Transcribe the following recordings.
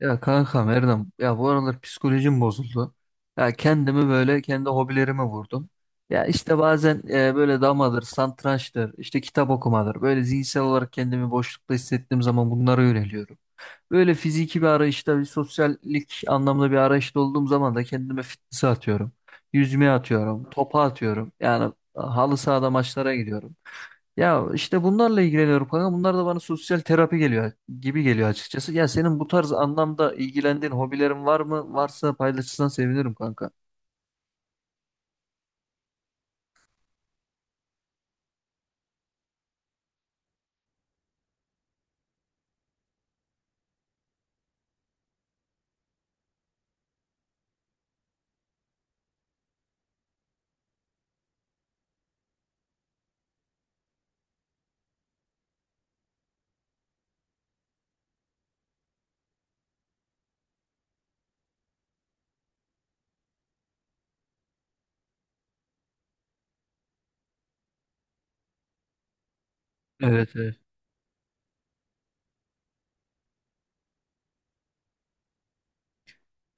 Ya kankam Erdem ya bu aralar psikolojim bozuldu. Ya kendimi böyle kendi hobilerime vurdum. Ya işte bazen böyle damadır, satrançtır, işte kitap okumadır. Böyle zihinsel olarak kendimi boşlukta hissettiğim zaman bunlara yöneliyorum. Böyle fiziki bir arayışta, bir sosyallik anlamda bir arayışta olduğum zaman da kendime fitness'e atıyorum. Yüzmeye atıyorum, topa atıyorum. Yani halı sahada maçlara gidiyorum. Ya işte bunlarla ilgileniyorum kanka. Bunlar da bana sosyal terapi geliyor gibi geliyor açıkçası. Ya senin bu tarz anlamda ilgilendiğin hobilerin var mı? Varsa paylaşırsan sevinirim kanka. Evet, evet.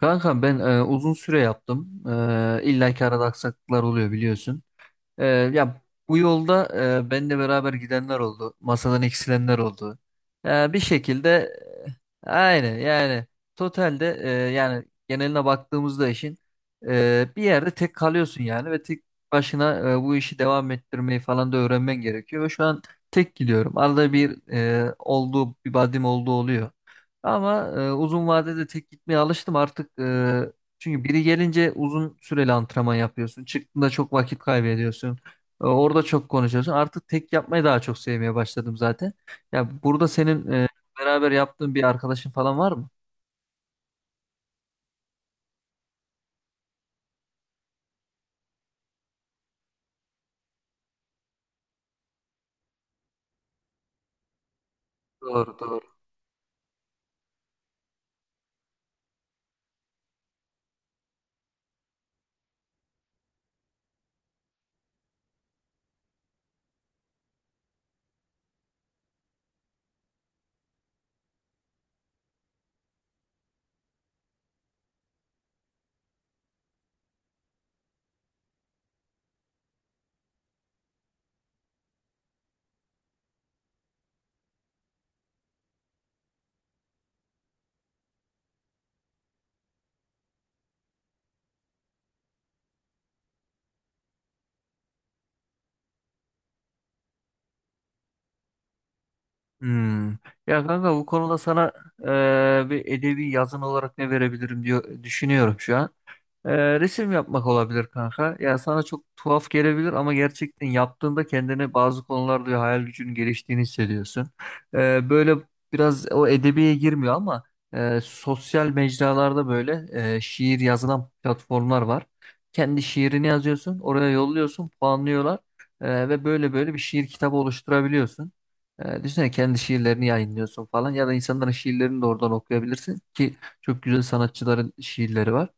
Kanka ben uzun süre yaptım. İlla ki arada aksaklıklar oluyor biliyorsun. Ya bu yolda benimle beraber gidenler oldu. Masadan eksilenler oldu. Bir şekilde aynı yani totalde yani geneline baktığımızda işin bir yerde tek kalıyorsun yani ve tek başına bu işi devam ettirmeyi falan da öğrenmen gerekiyor. Ve şu an tek gidiyorum. Arada bir olduğu bir badim olduğu oluyor. Ama uzun vadede tek gitmeye alıştım artık. Çünkü biri gelince uzun süreli antrenman yapıyorsun. Çıktığında çok vakit kaybediyorsun. Orada çok konuşuyorsun. Artık tek yapmayı daha çok sevmeye başladım zaten. Ya burada senin beraber yaptığın bir arkadaşın falan var mı? Doğru doğru. Hmm. Ya kanka bu konuda sana bir edebi yazın olarak ne verebilirim diyor düşünüyorum şu an. Resim yapmak olabilir kanka. Ya sana çok tuhaf gelebilir ama gerçekten yaptığında kendine bazı konularda hayal gücünün geliştiğini hissediyorsun. Böyle biraz o edebiye girmiyor ama sosyal mecralarda böyle şiir yazılan platformlar var. Kendi şiirini yazıyorsun, oraya yolluyorsun, puanlıyorlar. Ve böyle bir şiir kitabı oluşturabiliyorsun. Düşünsene kendi şiirlerini yayınlıyorsun falan ya da insanların şiirlerini de oradan okuyabilirsin ki çok güzel sanatçıların şiirleri var.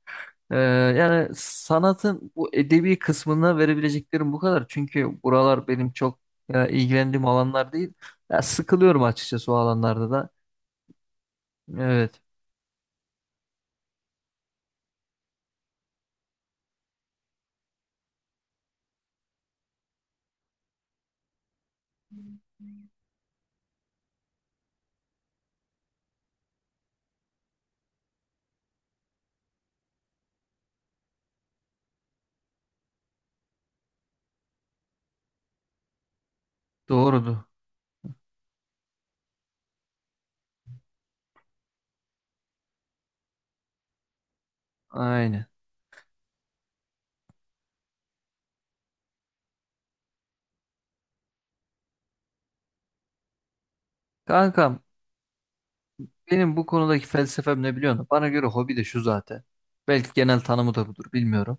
Ee, yani sanatın bu edebi kısmına verebileceklerim bu kadar. Çünkü buralar benim çok ilgilendiğim alanlar değil. Ya sıkılıyorum açıkçası o alanlarda da. Evet, doğrudur. Aynen. Kankam, benim bu konudaki felsefem ne biliyor musun? Bana göre hobi de şu zaten. Belki genel tanımı da budur, bilmiyorum.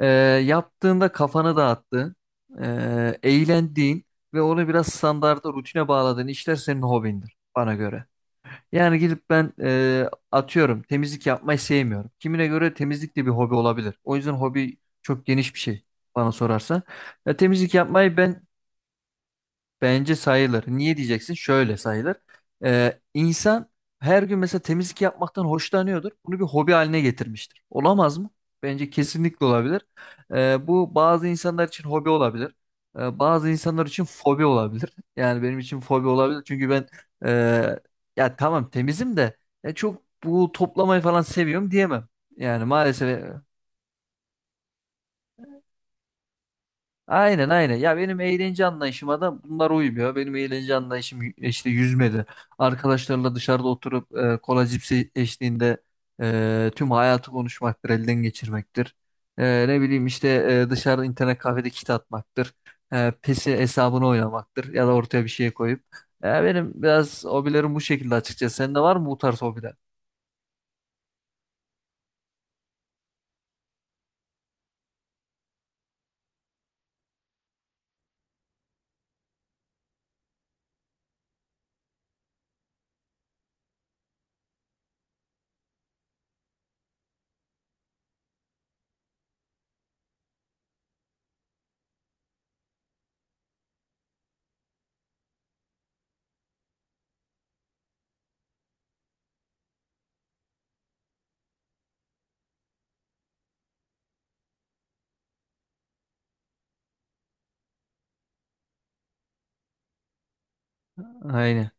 Ee, yaptığında kafanı dağıttığın, eğlendiğin ve onu biraz standarda rutine bağladığın işler senin hobindir bana göre. Yani gidip ben atıyorum temizlik yapmayı sevmiyorum. Kimine göre temizlik de bir hobi olabilir. O yüzden hobi çok geniş bir şey bana sorarsa. Ya temizlik yapmayı ben, bence sayılır. Niye diyeceksin? Şöyle sayılır. İnsan her gün mesela temizlik yapmaktan hoşlanıyordur. Bunu bir hobi haline getirmiştir. Olamaz mı? Bence kesinlikle olabilir. Bu bazı insanlar için hobi olabilir. Bazı insanlar için fobi olabilir. Yani benim için fobi olabilir. Çünkü ben e, ya tamam temizim de ya çok bu toplamayı falan seviyorum diyemem. Yani maalesef aynen aynen. Ya benim eğlence anlayışıma da bunlar uymuyor. Benim eğlence anlayışım işte yüzmedi. Arkadaşlarla dışarıda oturup kola cipsi eşliğinde tüm hayatı konuşmaktır, elden geçirmektir. Ne bileyim işte dışarıda internet kafede kit atmaktır. PES'i hesabını oynamaktır ya da ortaya bir şey koyup. Benim biraz hobilerim bu şekilde açıkçası. Sende var mı bu tarz hobiler? Aynen.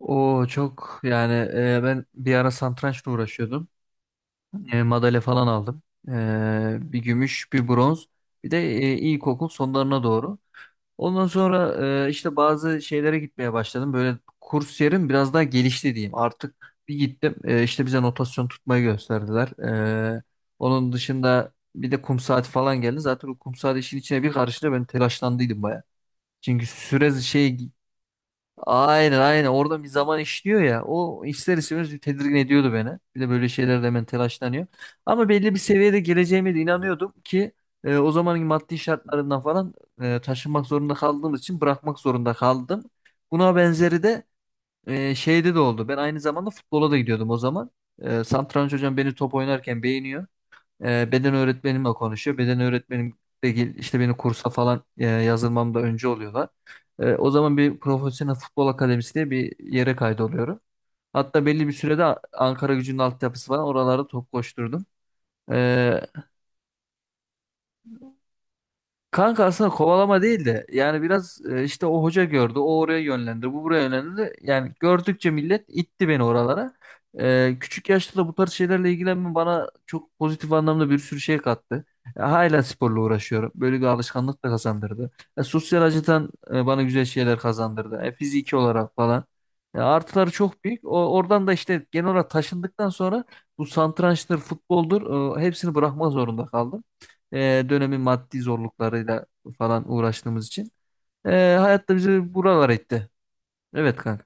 O çok yani ben bir ara satrançla uğraşıyordum. Madalya falan aldım. Bir gümüş, bir bronz. Bir de ilkokul sonlarına doğru. Ondan sonra işte bazı şeylere gitmeye başladım. Böyle kurs yerim biraz daha gelişti diyeyim. Artık bir gittim. İşte bize notasyon tutmayı gösterdiler. E, onun dışında bir de kum saati falan geldi. Zaten o kum saati işin içine bir karıştı. Ben telaşlandıydım baya. Çünkü süre şey aynen aynen orada bir zaman işliyor ya o ister istemez bir tedirgin ediyordu beni. Bir de böyle şeylerde hemen telaşlanıyor. Ama belli bir seviyede geleceğime de inanıyordum ki o zamanın maddi şartlarından falan taşınmak zorunda kaldığım için bırakmak zorunda kaldım. Buna benzeri de şeyde de oldu. Ben aynı zamanda futbola da gidiyordum o zaman. Satranç hocam beni top oynarken beğeniyor. Beden öğretmenimle konuşuyor. Beden öğretmenim de işte beni kursa falan yazılmamda önce oluyorlar. O zaman bir profesyonel futbol akademisi diye bir yere kaydoluyorum. Hatta belli bir sürede Ankara Gücü'nün altyapısı var. Oralarda top koşturdum. E, Kanka aslında kovalama değil de yani biraz işte o hoca gördü o oraya yönlendi bu buraya yönlendi yani gördükçe millet itti beni oralara. Küçük yaşta da bu tarz şeylerle ilgilenmem bana çok pozitif anlamda bir sürü şey kattı. Hala sporla uğraşıyorum böyle bir alışkanlık da kazandırdı. Sosyal açıdan bana güzel şeyler kazandırdı. Fiziki olarak falan. Artıları çok büyük o, oradan da işte genel olarak taşındıktan sonra bu satrançtır futboldur hepsini bırakmak zorunda kaldım dönemin maddi zorluklarıyla falan uğraştığımız için e, hayatta bizi buralar etti. Evet kanka.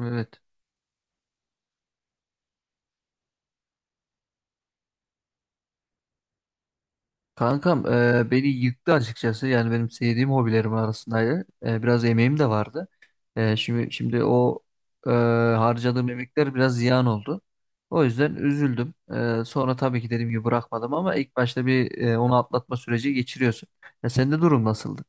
Evet. Kankam beni yıktı açıkçası. Yani benim sevdiğim hobilerim arasındaydı. Biraz emeğim de vardı. Şimdi o e, harcadığım emekler biraz ziyan oldu. O yüzden üzüldüm. Sonra tabii ki dediğim gibi bırakmadım ama ilk başta bir onu atlatma süreci geçiriyorsun. Ya sende durum nasıldı?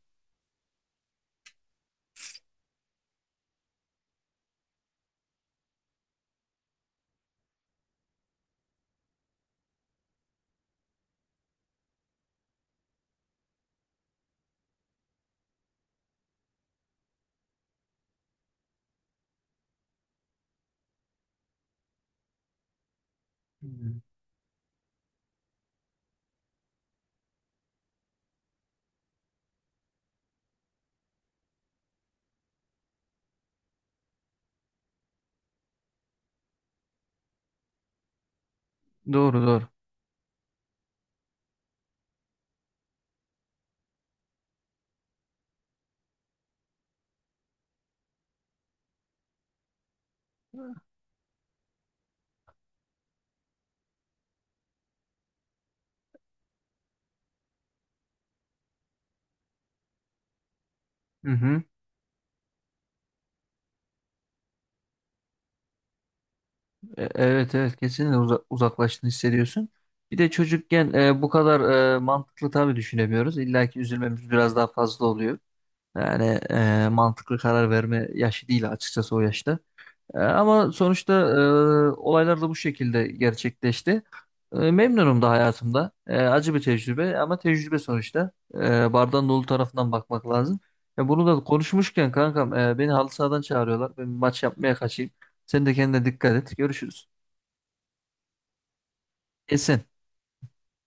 Hmm. Doğru doğru. Hı hı. Evet evet kesinlikle uzaklaştığını hissediyorsun. Bir de çocukken bu kadar mantıklı tabii düşünemiyoruz. İlla ki üzülmemiz biraz daha fazla oluyor. Yani mantıklı karar verme yaşı değil açıkçası o yaşta. Ama sonuçta olaylar da bu şekilde gerçekleşti. Memnunum da hayatımda. Acı bir tecrübe ama tecrübe sonuçta. Bardağın dolu tarafından bakmak lazım. Ya bunu da konuşmuşken kankam beni halı sahadan çağırıyorlar. Ben bir maç yapmaya kaçayım. Sen de kendine dikkat et. Görüşürüz. Kesin.